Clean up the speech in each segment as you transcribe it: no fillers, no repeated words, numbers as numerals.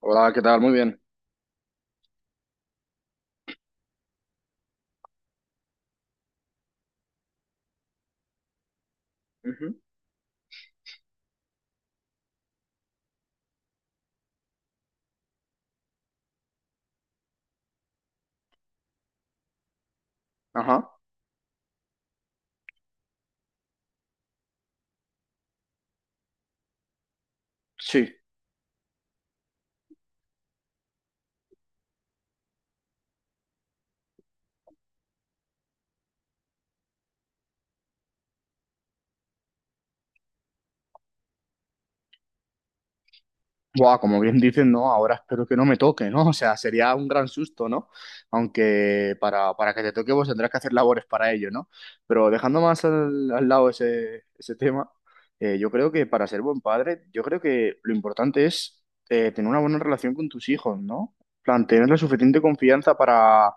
Hola, ¿qué tal? Muy bien. Ujú. Ajá. Sí. Buah, como bien dicen, ¿no? Ahora espero que no me toque, ¿no? O sea, sería un gran susto, ¿no? Aunque para que te toque vos tendrás que hacer labores para ello, ¿no? Pero dejando más al lado ese, ese tema, yo creo que para ser buen padre, yo creo que lo importante es tener una buena relación con tus hijos, ¿no? En plan, tener la suficiente confianza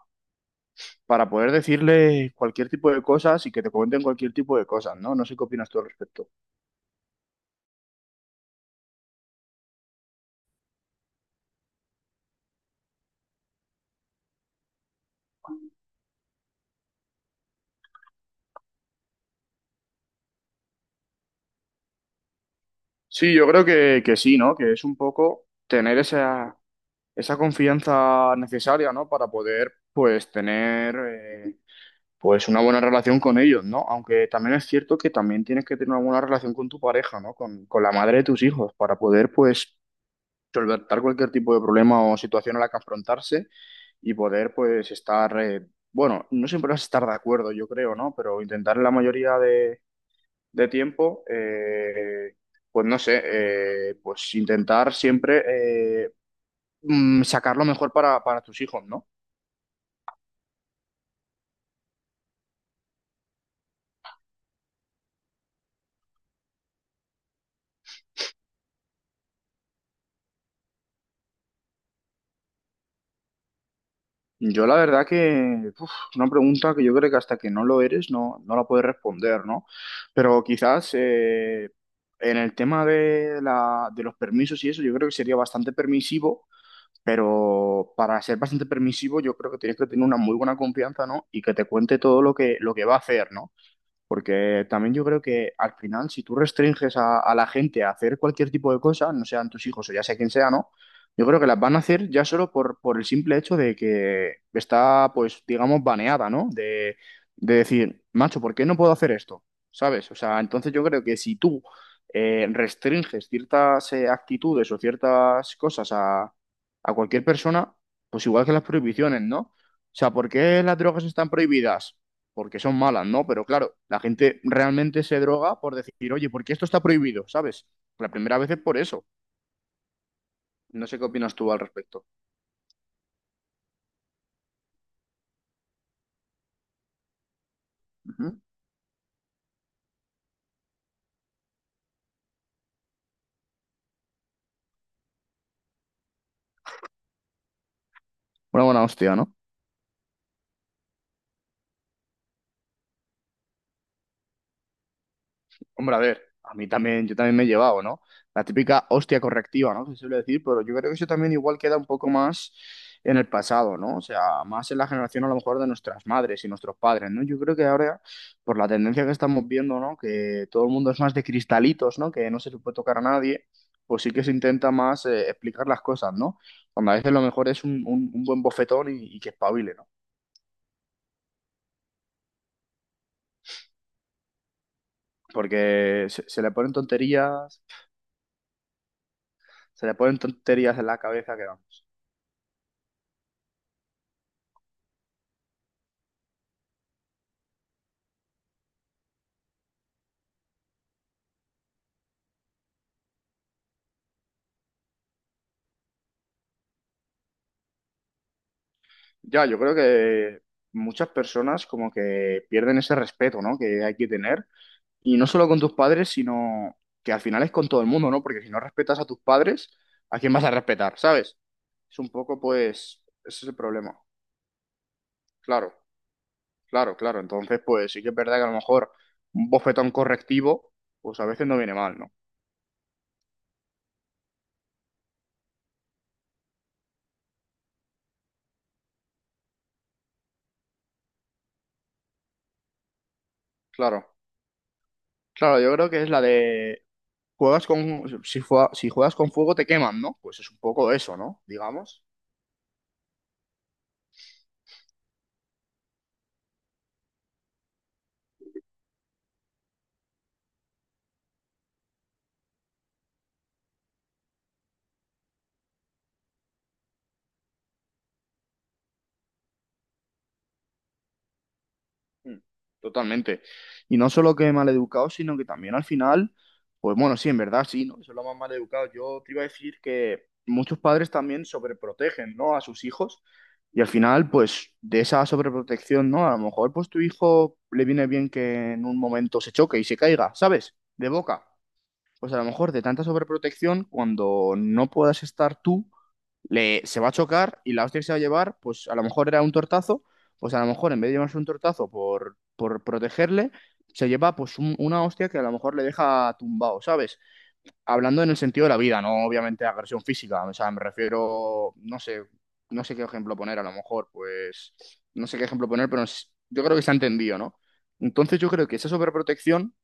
para poder decirle cualquier tipo de cosas y que te comenten cualquier tipo de cosas, ¿no? No sé qué opinas tú al respecto. Sí, yo creo que sí, ¿no? Que es un poco tener esa, esa confianza necesaria, ¿no? Para poder, pues, tener, pues, una buena relación con ellos, ¿no? Aunque también es cierto que también tienes que tener una buena relación con tu pareja, ¿no? Con la madre de tus hijos, para poder, pues, solventar cualquier tipo de problema o situación a la que afrontarse y poder, pues, estar, bueno, no siempre vas a estar de acuerdo, yo creo, ¿no? Pero intentar en la mayoría de tiempo, pues no sé, pues intentar siempre sacar lo mejor para tus hijos, ¿no? Yo la verdad que uf, es una pregunta que yo creo que hasta que no lo eres no la puedes responder, ¿no? Pero quizás en el tema de los permisos y eso, yo creo que sería bastante permisivo, pero para ser bastante permisivo yo creo que tienes que tener una muy buena confianza, ¿no? Y que te cuente todo lo que va a hacer, ¿no? Porque también yo creo que al final, si tú restringes a la gente a hacer cualquier tipo de cosa, no sean tus hijos o ya sea quien sea, ¿no? Yo creo que las van a hacer ya solo por el simple hecho de que está, pues, digamos, baneada, ¿no? De decir, macho, ¿por qué no puedo hacer esto? ¿Sabes? O sea, entonces yo creo que si tú restringes ciertas actitudes o ciertas cosas a cualquier persona, pues igual que las prohibiciones, ¿no? O sea, ¿por qué las drogas están prohibidas? Porque son malas, ¿no? Pero claro, la gente realmente se droga por decir, oye, ¿por qué esto está prohibido? ¿Sabes? La primera vez es por eso. No sé qué opinas tú al respecto. Ujú. Una buena hostia, ¿no? Hombre, a ver, a mí también, yo también me he llevado, ¿no? La típica hostia correctiva, ¿no?, se suele decir, pero yo creo que eso también igual queda un poco más en el pasado, ¿no? O sea, más en la generación a lo mejor de nuestras madres y nuestros padres, ¿no? Yo creo que ahora, por la tendencia que estamos viendo, ¿no? Que todo el mundo es más de cristalitos, ¿no? Que no se le puede tocar a nadie, pues sí que se intenta más explicar las cosas, ¿no? Cuando a veces lo mejor es un buen bofetón y que espabile, ¿no? Porque se le ponen tonterías, se le ponen tonterías en la cabeza que vamos. Ya, yo creo que muchas personas como que pierden ese respeto, ¿no? Que hay que tener. Y no solo con tus padres, sino que al final es con todo el mundo, ¿no? Porque si no respetas a tus padres, ¿a quién vas a respetar? ¿Sabes? Es un poco, pues, ese es el problema. Claro, claro, claro. Entonces, pues sí que es verdad que a lo mejor un bofetón correctivo, pues a veces no viene mal, ¿no? Claro, claro, yo creo que es la de juegas con, si, si juegas con fuego te queman, ¿no? Pues es un poco eso, ¿no? Digamos. Mm. Totalmente. Y no solo que maleducado, sino que también al final, pues bueno, sí, en verdad sí, ¿no? Son los más maleducados. Yo te iba a decir que muchos padres también sobreprotegen, ¿no? A sus hijos. Y al final, pues de esa sobreprotección, ¿no? A lo mejor, pues tu hijo le viene bien que en un momento se choque y se caiga, ¿sabes? De boca. Pues a lo mejor de tanta sobreprotección, cuando no puedas estar tú se va a chocar y la hostia que se va a llevar, pues a lo mejor era un tortazo, pues a lo mejor en vez de llevarse un tortazo por protegerle, se lleva pues una hostia que a lo mejor le deja tumbado, ¿sabes? Hablando en el sentido de la vida, no obviamente agresión física, o sea, me refiero, no sé, no sé qué ejemplo poner, a lo mejor, pues, no sé qué ejemplo poner, pero yo creo que se ha entendido, ¿no? Entonces yo creo que esa sobreprotección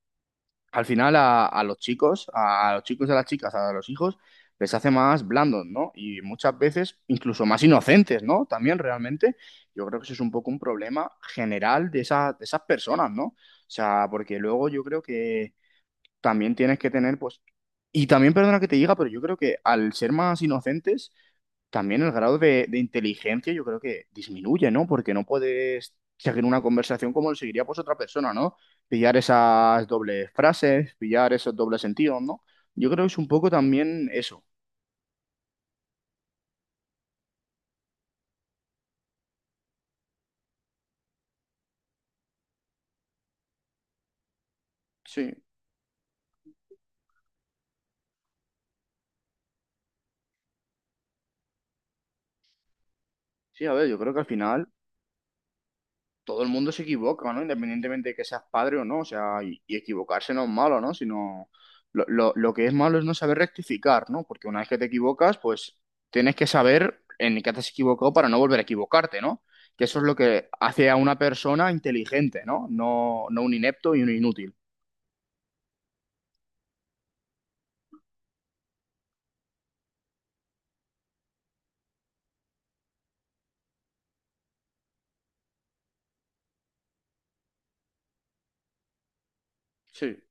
al final a los chicos y a las chicas, a los hijos, les hace más blandos, ¿no? Y muchas veces incluso más inocentes, ¿no? También realmente, yo creo que eso es un poco un problema general de esas personas, ¿no? O sea, porque luego yo creo que también tienes que tener, pues, y también perdona que te diga, pero yo creo que al ser más inocentes, también el grado de inteligencia yo creo que disminuye, ¿no? Porque no puedes seguir una conversación como lo seguiría pues otra persona, ¿no? Pillar esas dobles frases, pillar esos dobles sentidos, ¿no? Yo creo que es un poco también eso. Sí, sí, a ver, yo creo que al final todo el mundo se equivoca, ¿no? Independientemente de que seas padre o no, o sea, y equivocarse no es malo, ¿no? Sino lo que es malo es no saber rectificar, ¿no? Porque una vez que te equivocas, pues tienes que saber en qué te has equivocado para no volver a equivocarte, ¿no? Que eso es lo que hace a una persona inteligente, ¿no? No un inepto y un inútil. Sí.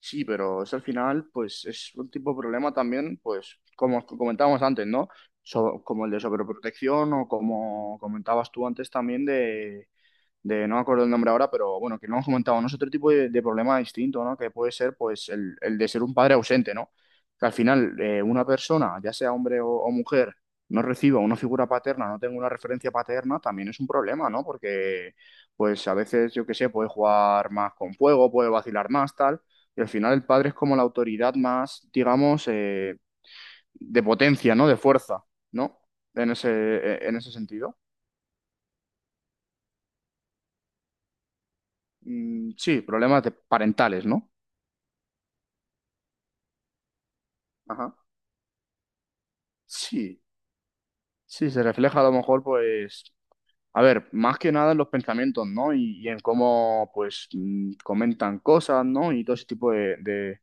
Sí, pero eso al final, pues es un tipo de problema también, pues como comentábamos antes, ¿no? Como el de sobreprotección o como comentabas tú antes también de, no me acuerdo el nombre ahora, pero bueno, que lo hemos comentado, ¿no? Es otro tipo de problema distinto, ¿no? Que puede ser, pues, el de ser un padre ausente, ¿no? Que al final una persona, ya sea hombre o mujer, no reciba una figura paterna, no tenga una referencia paterna, también es un problema, ¿no? Porque, pues, a veces, yo qué sé, puede jugar más con fuego, puede vacilar más, tal, y al final el padre es como la autoridad más, digamos, de potencia, ¿no? De fuerza, ¿no? En ese sentido. Mm, sí, problemas de- parentales, ¿no? Ajá. Sí, sí, se refleja a lo mejor, pues, a ver, más que nada en los pensamientos, ¿no? Y en cómo, pues, mm, comentan cosas, ¿no? Y todo ese tipo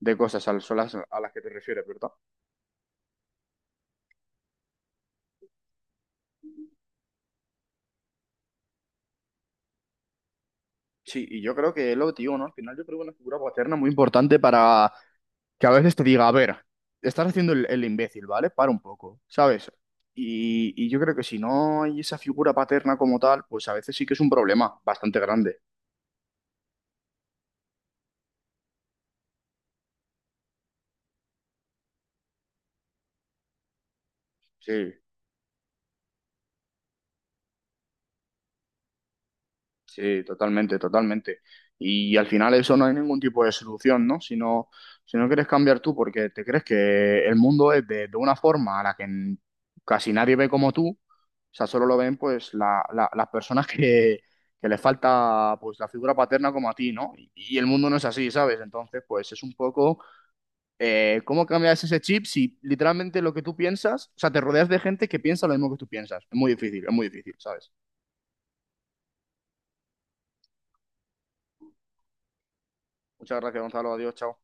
de cosas son a las que te refieres, ¿verdad? Sí, y yo creo que es lo que te digo, ¿no? Al final yo creo que una figura paterna muy importante para que a veces te diga, a ver, estás haciendo el imbécil, ¿vale? Para un poco, ¿sabes? Y yo creo que si no hay esa figura paterna como tal, pues a veces sí que es un problema bastante grande. Sí. Sí, totalmente, totalmente. Y al final eso no hay ningún tipo de solución, ¿no? Si no, si no quieres cambiar tú porque te crees que el mundo es de una forma a la que casi nadie ve como tú, o sea, solo lo ven pues las personas que les falta pues la figura paterna como a ti, ¿no? Y el mundo no es así, ¿sabes? Entonces, pues es un poco, ¿cómo cambias ese chip si literalmente lo que tú piensas, o sea, te rodeas de gente que piensa lo mismo que tú piensas? Es muy difícil, ¿sabes? Muchas gracias, Gonzalo. Adiós, chao.